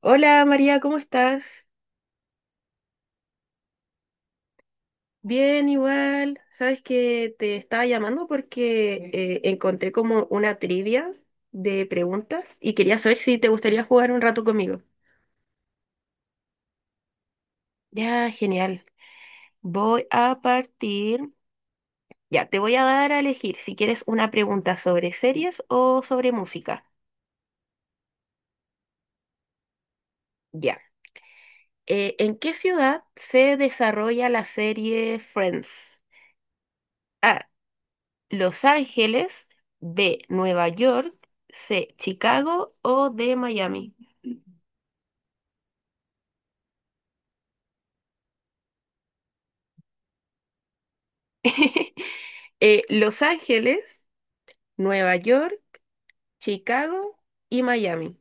Hola María, ¿cómo estás? Bien, igual. Sabes que te estaba llamando porque encontré como una trivia de preguntas y quería saber si te gustaría jugar un rato conmigo. Ya, genial. Voy a partir. Ya, te voy a dar a elegir si quieres una pregunta sobre series o sobre música. Ya. ¿En qué ciudad se desarrolla la serie Friends? A. Los Ángeles, B, Nueva York, C, Chicago o D, Miami. Los Ángeles, Nueva York, Chicago y Miami.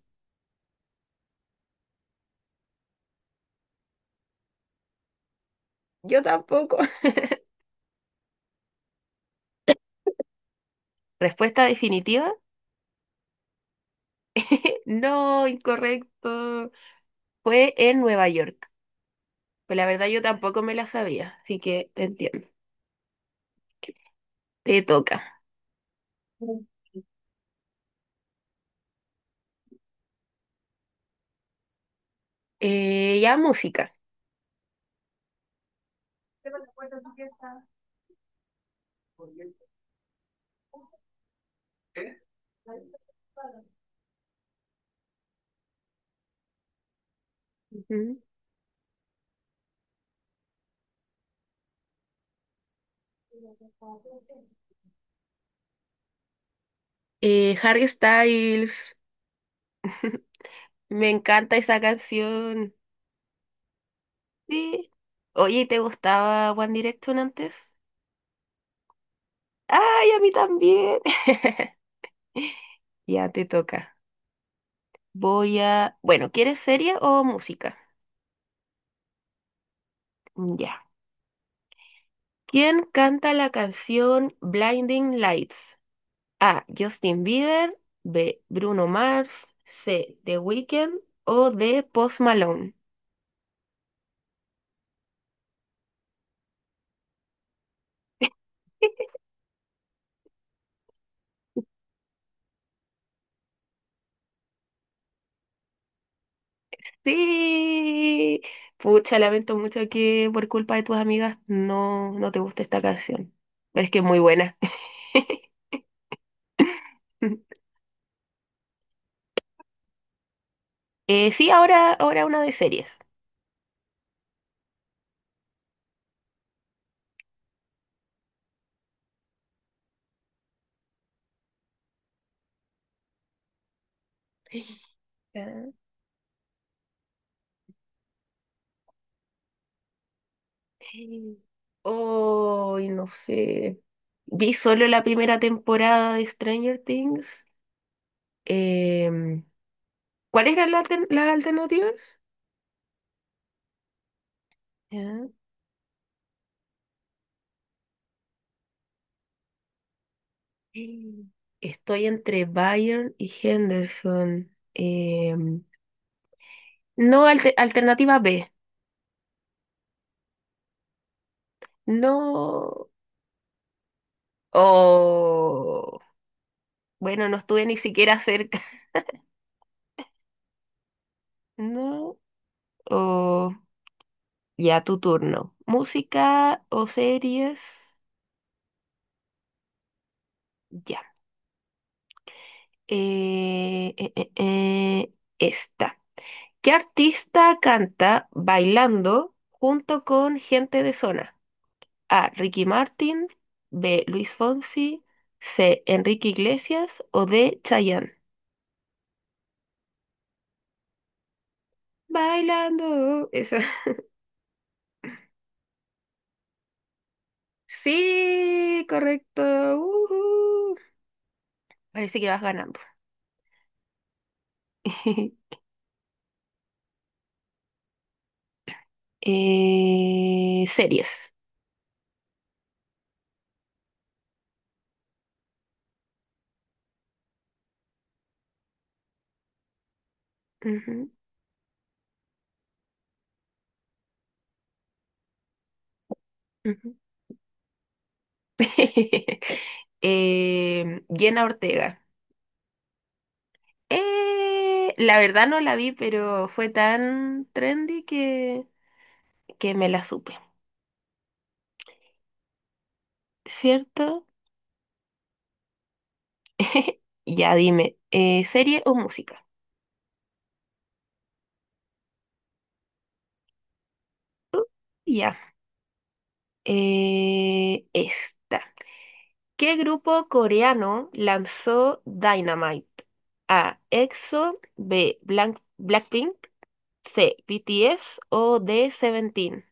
Yo tampoco. Respuesta definitiva. No, incorrecto. Fue en Nueva York. Pues la verdad yo tampoco me la sabía, así que te entiendo. Te toca. Ya música. Ujú. Harry Styles. Me encanta esa canción. Sí. Oye, ¿te gustaba One Direction antes? ¡Ay, a mí también! Ya te toca. Voy a... Bueno, ¿quieres serie o música? Ya. ¿Quién canta la canción Blinding Lights? A. Justin Bieber. B. Bruno Mars. C. The Weeknd. O D. Post Malone. Sí. Pucha, lamento mucho que por culpa de tus amigas no te guste esta canción. Pero es que es muy buena. Sí, ahora una de series. Ah. Oh, y no sé. Vi solo la primera temporada de Stranger Things. Em, ¿cuáles eran las alternativas? Ya. Eh, Estoy entre Byron y Henderson. Em, no, alternativa B. No. O bueno, no estuve ni siquiera cerca. No. O ya tu turno. Música o series. Ya. Eh, eh, eh, eh, esta. ¿Qué artista canta bailando junto con gente de zona? A. Ricky Martin. B. Luis Fonsi. C. Enrique Iglesias. O D. Chayanne. Bailando. Esa. Sí, correcto. Ujú. Parece que vas ganando. Series. Ujú, ujú. Jenna Ortega. La verdad no la vi, pero fue tan trendy que me la supe. ¿Cierto? Ya dime, ¿serie o música? Uh, ya. Esta. ¿Qué grupo coreano lanzó Dynamite? A. EXO, B. Blackpink, C. BTS o D. Seventeen.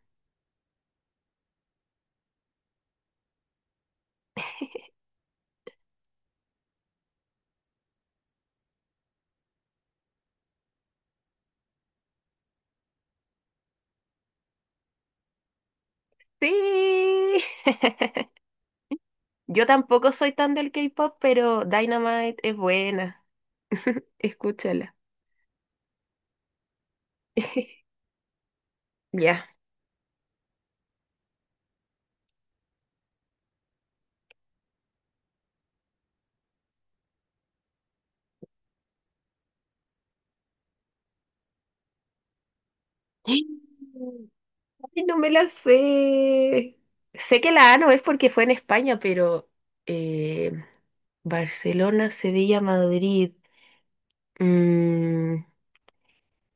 Sí. Yo tampoco soy tan del K-pop, pero Dynamite es buena. Escúchala. Ya. Ay, no me la sé. Sé que la A no es porque fue en España, pero eh, Barcelona, Sevilla, Madrid. Mm,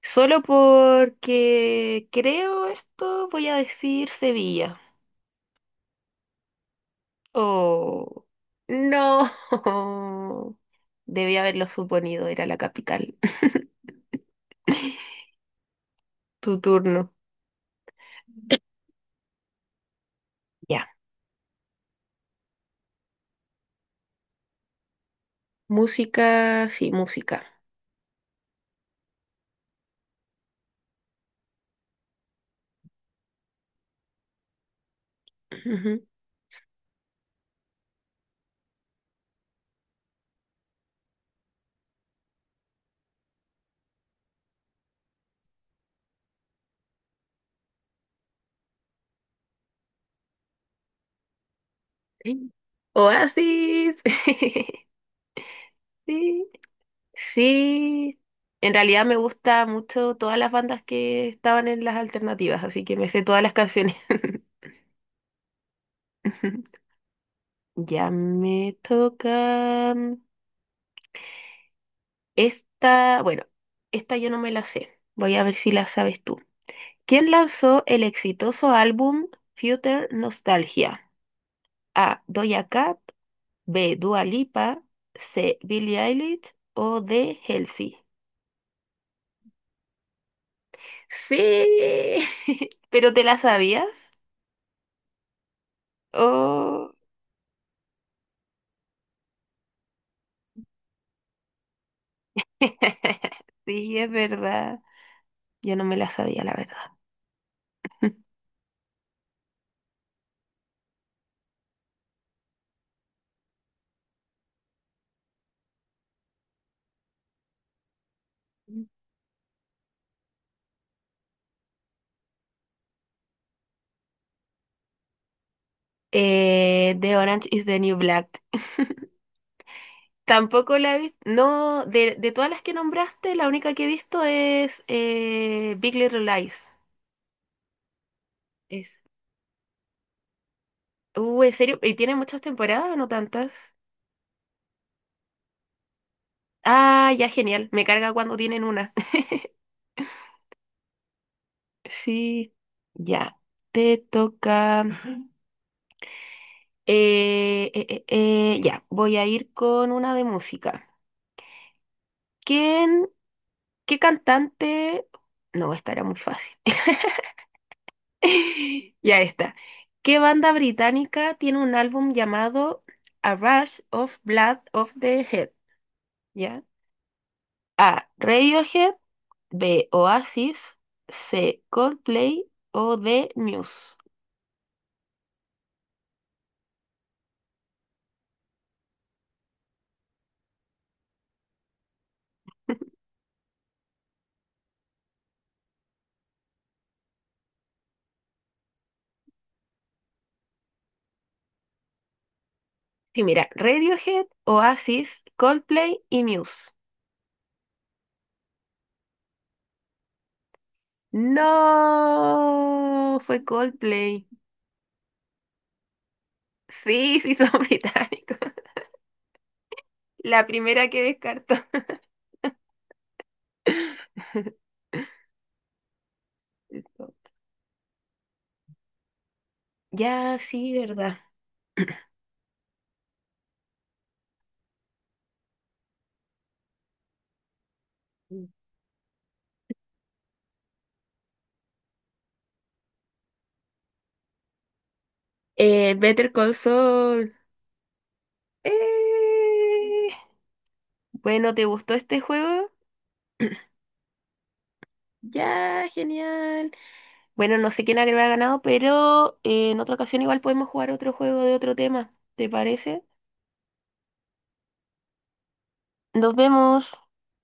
solo porque creo esto, voy a decir Sevilla. Oh, no. debía haberlo suponido, era la capital. Tu turno. Ya. Música, sí, música. Ujú. Sí. Oasis. Sí. Sí. En realidad me gusta mucho todas las bandas que estaban en las alternativas, así que me sé todas las canciones. Ya me toca. Esta, bueno, esta yo no me la sé. Voy a ver si la sabes tú. ¿Quién lanzó el exitoso álbum Future Nostalgia? A. Doja Cat, B. Dua Lipa, C. Billie Eilish o D. Halsey. Sí, pero ¿te la sabías? Oh, sí, es verdad. Yo no me la sabía, la verdad. The Orange is the New Black. Tampoco la he visto. No, de todas las que nombraste, la única que he visto es Big Little Lies. Es. ¿En serio? ¿Y tiene muchas temporadas o no tantas? Ah, ya, genial. Me carga cuando tienen una. Sí, ya. Te toca. Ya, voy a ir con una de música. ¿Quién, qué cantante? No, esta era muy fácil. Ya está. ¿Qué banda británica tiene un álbum llamado A Rush of Blood of the Head? ¿Ya? A. Radiohead. B. Oasis. C. Coldplay. O D. Muse. Sí, mira, Radiohead, Oasis, Coldplay y Muse. No, fue Coldplay. Sí, sí, son británicos. La primera que descartó. Ya, sí, ¿verdad? Better Call Saul. Eh, bueno, ¿te gustó este juego? Ya, genial. Bueno, no sé quién habrá ganado, pero en otra ocasión igual podemos jugar otro juego de otro tema. ¿Te parece? Nos vemos.